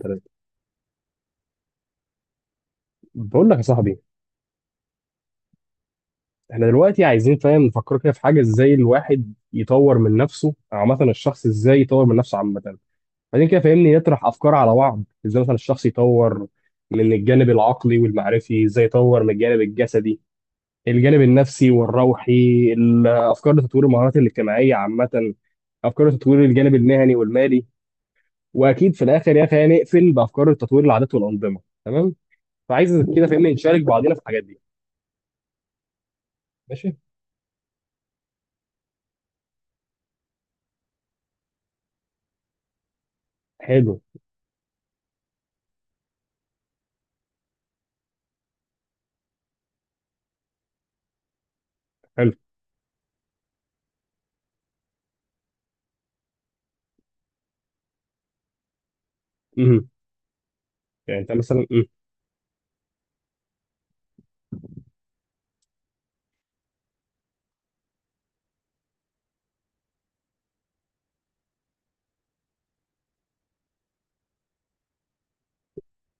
تلاتة. بقول لك يا صاحبي، احنا دلوقتي عايزين فاهم نفكر كده في حاجه، ازاي الواحد يطور من نفسه او عامه الشخص ازاي يطور من نفسه عامه، بعدين كده فاهمني نطرح افكار على بعض ازاي مثلا الشخص يطور من الجانب العقلي والمعرفي، ازاي يطور من الجانب الجسدي، الجانب النفسي والروحي، الافكار لتطوير المهارات الاجتماعيه عامه، افكار لتطوير الجانب المهني والمالي، واكيد في الاخر يا اخي هنقفل بافكار تطوير العادات والانظمه. تمام. فعايز كده فاهمني نشارك بعضينا في الحاجات دي. ماشي. حلو. حلو. مهم. يعني انت مثلا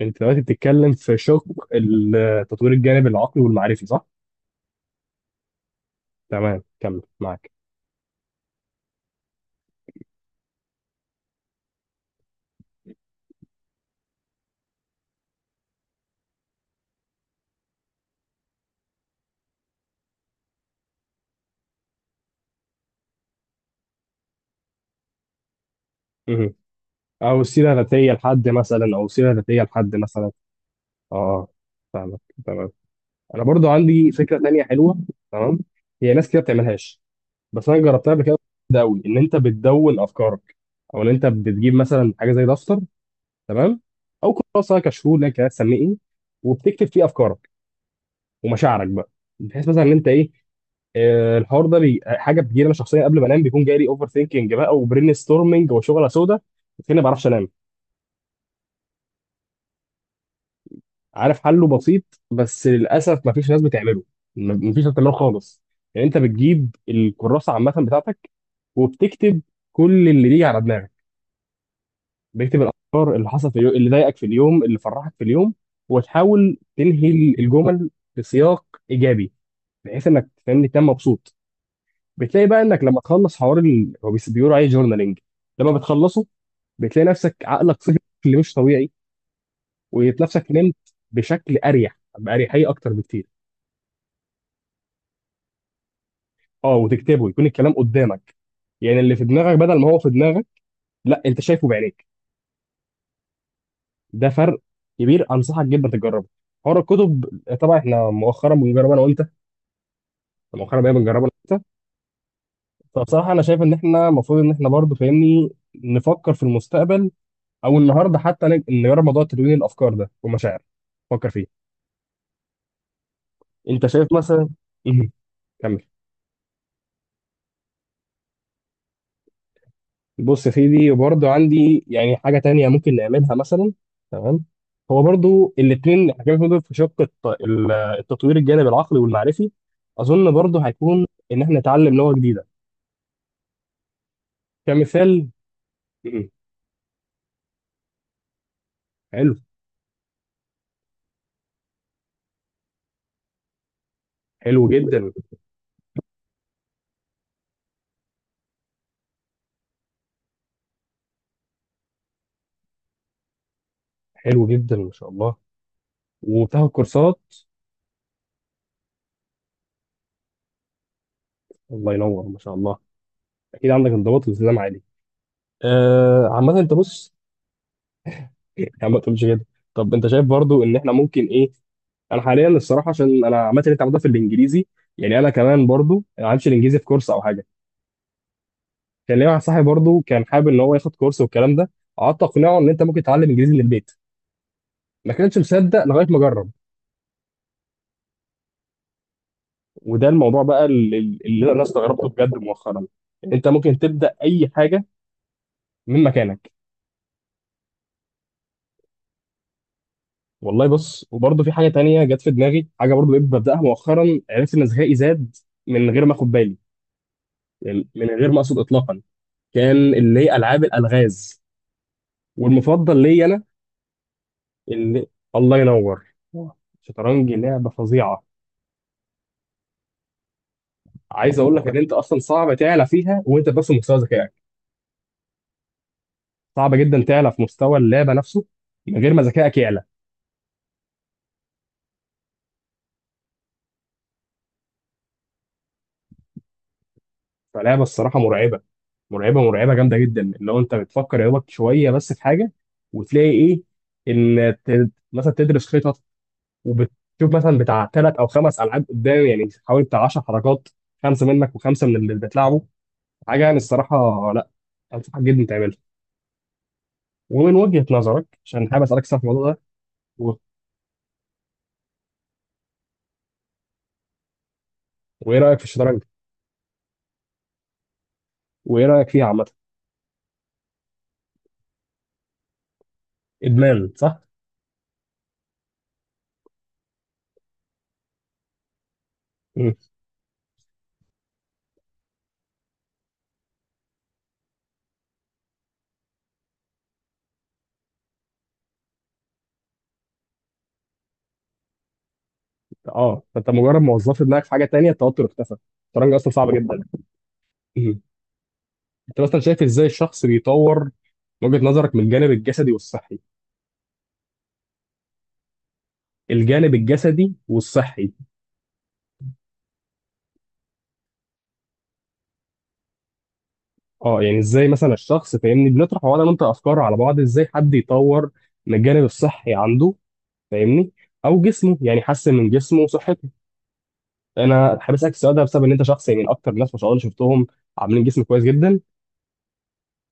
انت دلوقتي بتتكلم في شق التطوير الجانبي العقلي والمعرفي صح؟ تمام كمل معاك. مهم. او سيره ذاتيه لحد مثلا او سيره ذاتيه لحد مثلا، اه آه. فاهمك تمام. انا برضو عندي فكره تانية حلوه. تمام. هي ناس كده بتعملهاش، بس انا جربتها قبل كده، ده قوي ان انت بتدون افكارك، او ان انت بتجيب مثلا حاجه زي دفتر. تمام. او كراسه، كشكول، لك هتسميه ايه، وبتكتب فيه افكارك ومشاعرك بقى، بحيث مثلا ان انت ايه، الحوار ده حاجه بتجيلي انا شخصيا قبل ما انام، بيكون جاي لي اوفر ثينكينج بقى وبرين ستورمنج وشغله سودا، فين ما بعرفش انام. عارف حله بسيط بس للاسف ما فيش ناس بتعمله، ما فيش ناس بتعمله خالص. يعني انت بتجيب الكراسه عامه بتاعتك وبتكتب كل اللي بيجي على دماغك، بيكتب الافكار اللي حصلت في اليوم، اللي ضايقك في اليوم، اللي فرحك في اليوم، وتحاول تنهي الجمل بسياق ايجابي، بحيث انك تفهمني تنام مبسوط. بتلاقي بقى انك لما تخلص حوار هو بيقولوا عليه جورنالينج، لما بتخلصه بتلاقي نفسك عقلك صحي بشكل مش طبيعي، ونفسك نمت بشكل اريح، باريحيه اكتر بكتير. اه وتكتبه يكون الكلام قدامك، يعني اللي في دماغك بدل ما هو في دماغك، لا انت شايفه بعينيك. ده فرق كبير، انصحك جدا تجربه. حوار الكتب طبعا احنا مؤخرا بنجربه انا وانت، مؤخرا بقى بنجربه انا وانت. فبصراحه انا شايف ان احنا المفروض ان احنا برضه فاهمني نفكر في المستقبل، او النهارده حتى نجرب موضوع تدوين الافكار ده والمشاعر. فكر فيه. انت شايف مثلا. مهم. كمل. بص يا سيدي برضه عندي يعني حاجة تانية ممكن نعملها مثلا. تمام. هو برضه الاتنين حاجات دول في شق التطوير الجانب العقلي والمعرفي، أظن برضه هيكون إن إحنا نتعلم لغة جديدة كمثال. مم. حلو. حلو جدا. حلو جدا ما شاء الله. وبتاخد كورسات؟ الله ينور ما شاء الله. أكيد عندك انضباط والتزام عالي. آه عامة أنت بص. يا عم ما تقولش كده. طب أنت شايف برضه إن إحنا ممكن إيه، انا حاليا الصراحه عشان انا عامه اللي انت عملتها في الانجليزي، يعني انا كمان برضو ما عملتش الانجليزي في كورس او حاجه. كان ليا واحد صاحبي برضو كان حابب ان هو ياخد كورس والكلام ده، قعدت اقنعه ان انت ممكن تتعلم انجليزي من البيت، ما كانش مصدق لغايه ما جرب. وده الموضوع بقى اللي انا استغربته بجد مؤخرا، ان انت ممكن تبدا اي حاجه من مكانك. والله بص، وبرضو في حاجه تانية جت في دماغي، حاجه برضو بقيت ببداها مؤخرا، عرفت ان ذكائي زاد من غير ما اخد بالي، يعني من غير ما اقصد اطلاقا. كان اللي هي العاب الالغاز، والمفضل ليا انا اللي... الله ينور. الشطرنج لعبه فظيعه. عايز اقول لك ان انت اصلا صعب تعلى فيها وانت بس في مستوى ذكائك، صعب جدا تعلى في مستوى اللعبه نفسه من غير ما ذكائك يعلى. فلعبه الصراحه مرعبه، مرعبه مرعبه جامده جدا، اللي هو انت بتفكر يا دوبك شويه بس في حاجه، وتلاقي ايه، ان مثلا تدرس خطط، وبتشوف مثلا بتاع ثلاث او خمس العاب قدام، يعني حوالي بتاع 10 حركات، خمسه منك وخمسه من اللي بتلعبه، حاجه يعني الصراحه، لا، انصحك جدا تعملها. ومن وجهة نظرك عشان حابب اسالك صح في الموضوع ده و... وايه رايك في الشطرنج، وايه رايك فيها عامه؟ ادمان صح؟ مم. اه فانت مجرد ما وظفت دماغك في حاجه تانية التوتر اختفى. الشطرنج اصلا صعب جدا. مم. انت مثلا شايف ازاي الشخص بيطور من وجهة نظرك من الجانب الجسدي والصحي؟ الجانب الجسدي والصحي. اه يعني ازاي مثلا الشخص فاهمني بنطرح هو انا وانت افكار على بعض ازاي حد يطور من الجانب الصحي عنده، فاهمني، او جسمه، يعني يحسن من جسمه وصحته. انا حابب اسالك السؤال ده بسبب ان انت شخص، يعني من اكتر الناس ما شاء الله اللي شفتهم عاملين جسم كويس جدا،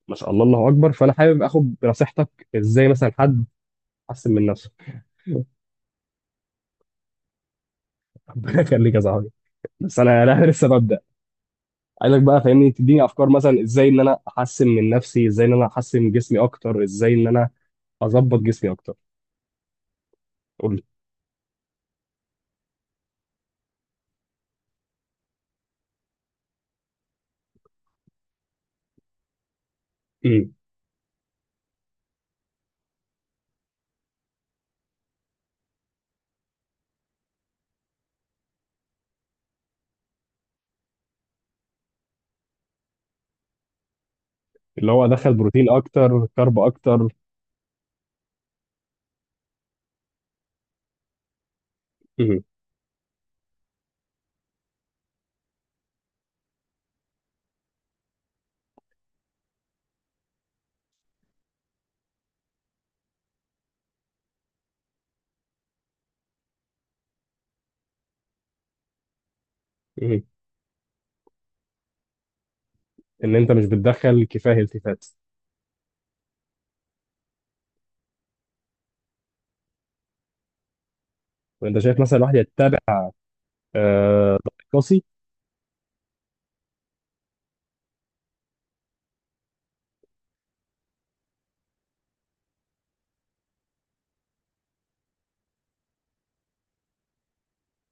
ما شاء الله الله اكبر. فانا حابب اخد بنصيحتك ازاي مثلا حد يحسن من نفسه. ربنا يخليك يا صاحبي، بس انا لا لسه ببدا. عايزك بقى فاهمني تديني افكار، مثلا ازاي ان انا احسن من نفسي، ازاي ان انا احسن جسمي اكتر، ازاي ان انا اظبط جسمي اكتر. قول لي. أمم. اللي هو ادخل بروتين اكتر كارب اكتر. أمم. أمم. ان انت مش بتدخل كفايه التفات. وانت شايف مثلا الواحد يتبع دايت قاسي؟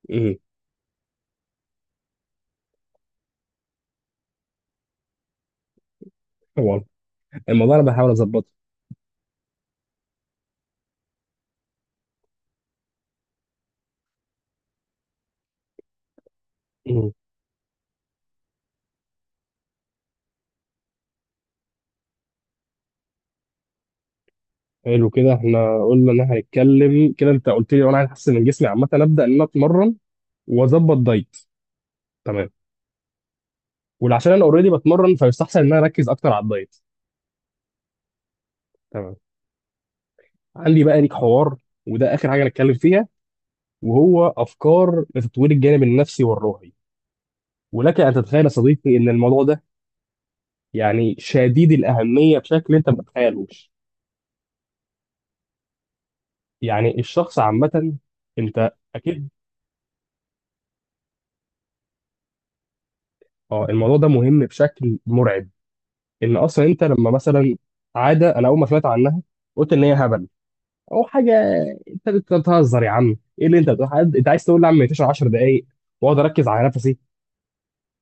مم. والله الموضوع انا بحاول اظبطه. مم. حلو كده، احنا قلنا ان احنا هنتكلم كده، انت قلت لي وانا عايز احسن من جسمي عامه ابدا ان انا اتمرن واظبط دايت. تمام. ولعشان انا اوريدي بتمرن فيستحسن ان انا اركز اكتر على الدايت. تمام. عندي بقى ليك حوار وده اخر حاجه نتكلم فيها، وهو افكار لتطوير الجانب النفسي والروحي. ولك ان تتخيل يا صديقي ان الموضوع ده يعني شديد الاهميه بشكل انت ما تتخيلوش. يعني الشخص عامه، انت اكيد. اه الموضوع ده مهم بشكل مرعب، ان اصلا انت لما مثلا عاده انا اول ما سمعت عنها قلت ان هي هبل او حاجه، انت بتهزر يا عم، ايه اللي انت بتقول، حد انت عايز تقول لي يا عم 10 دقائق واقعد اركز على نفسي؟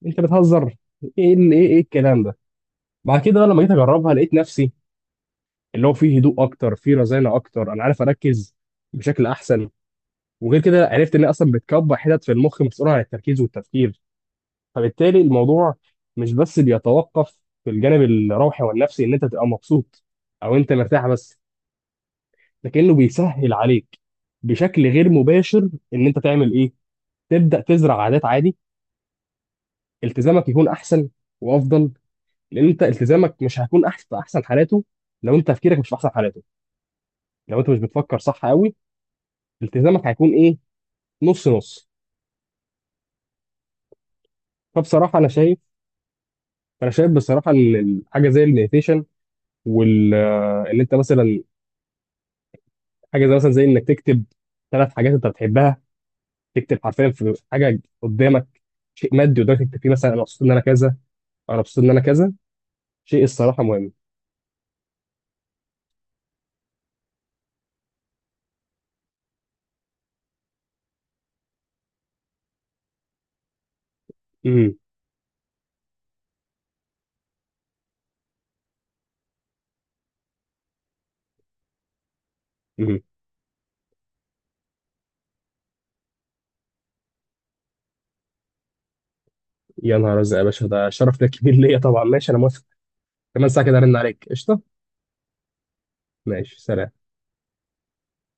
انت بتهزر. ايه الكلام ده؟ بعد كده بقى لما جيت اجربها لقيت نفسي، اللي هو فيه هدوء اكتر، فيه رزانه اكتر، انا عارف اركز بشكل احسن. وغير كده عرفت ان هي اصلا بتكبر حتت في المخ مسؤوله عن التركيز والتفكير، فبالتالي الموضوع مش بس بيتوقف في الجانب الروحي والنفسي ان انت تبقى مبسوط او انت مرتاح بس، ده كأنه بيسهل عليك بشكل غير مباشر ان انت تعمل ايه، تبدأ تزرع عادات عادي، التزامك يكون احسن وافضل. لان انت التزامك مش هيكون احسن في احسن حالاته لو انت تفكيرك مش في احسن حالاته، لو انت مش بتفكر صح قوي التزامك هيكون ايه، نص نص. فبصراحة انا شايف بصراحة ان حاجة زي المديتيشن، وال آه، ان انت مثلا حاجة زي مثلا زي انك تكتب ثلاث حاجات انت بتحبها، تكتب حرفيا في حاجة قدامك، شيء مادي قدامك تكتب فيه مثلا انا مبسوط ان انا كذا، انا مبسوط ان انا كذا. شيء الصراحة مهم. امم امم يا نهار ازرق يا باشا، ده شرف ده كبير ليا طبعا، ماشي انا موافق. كمان ساعة كده ارن عليك قشطة. ماشي سلام.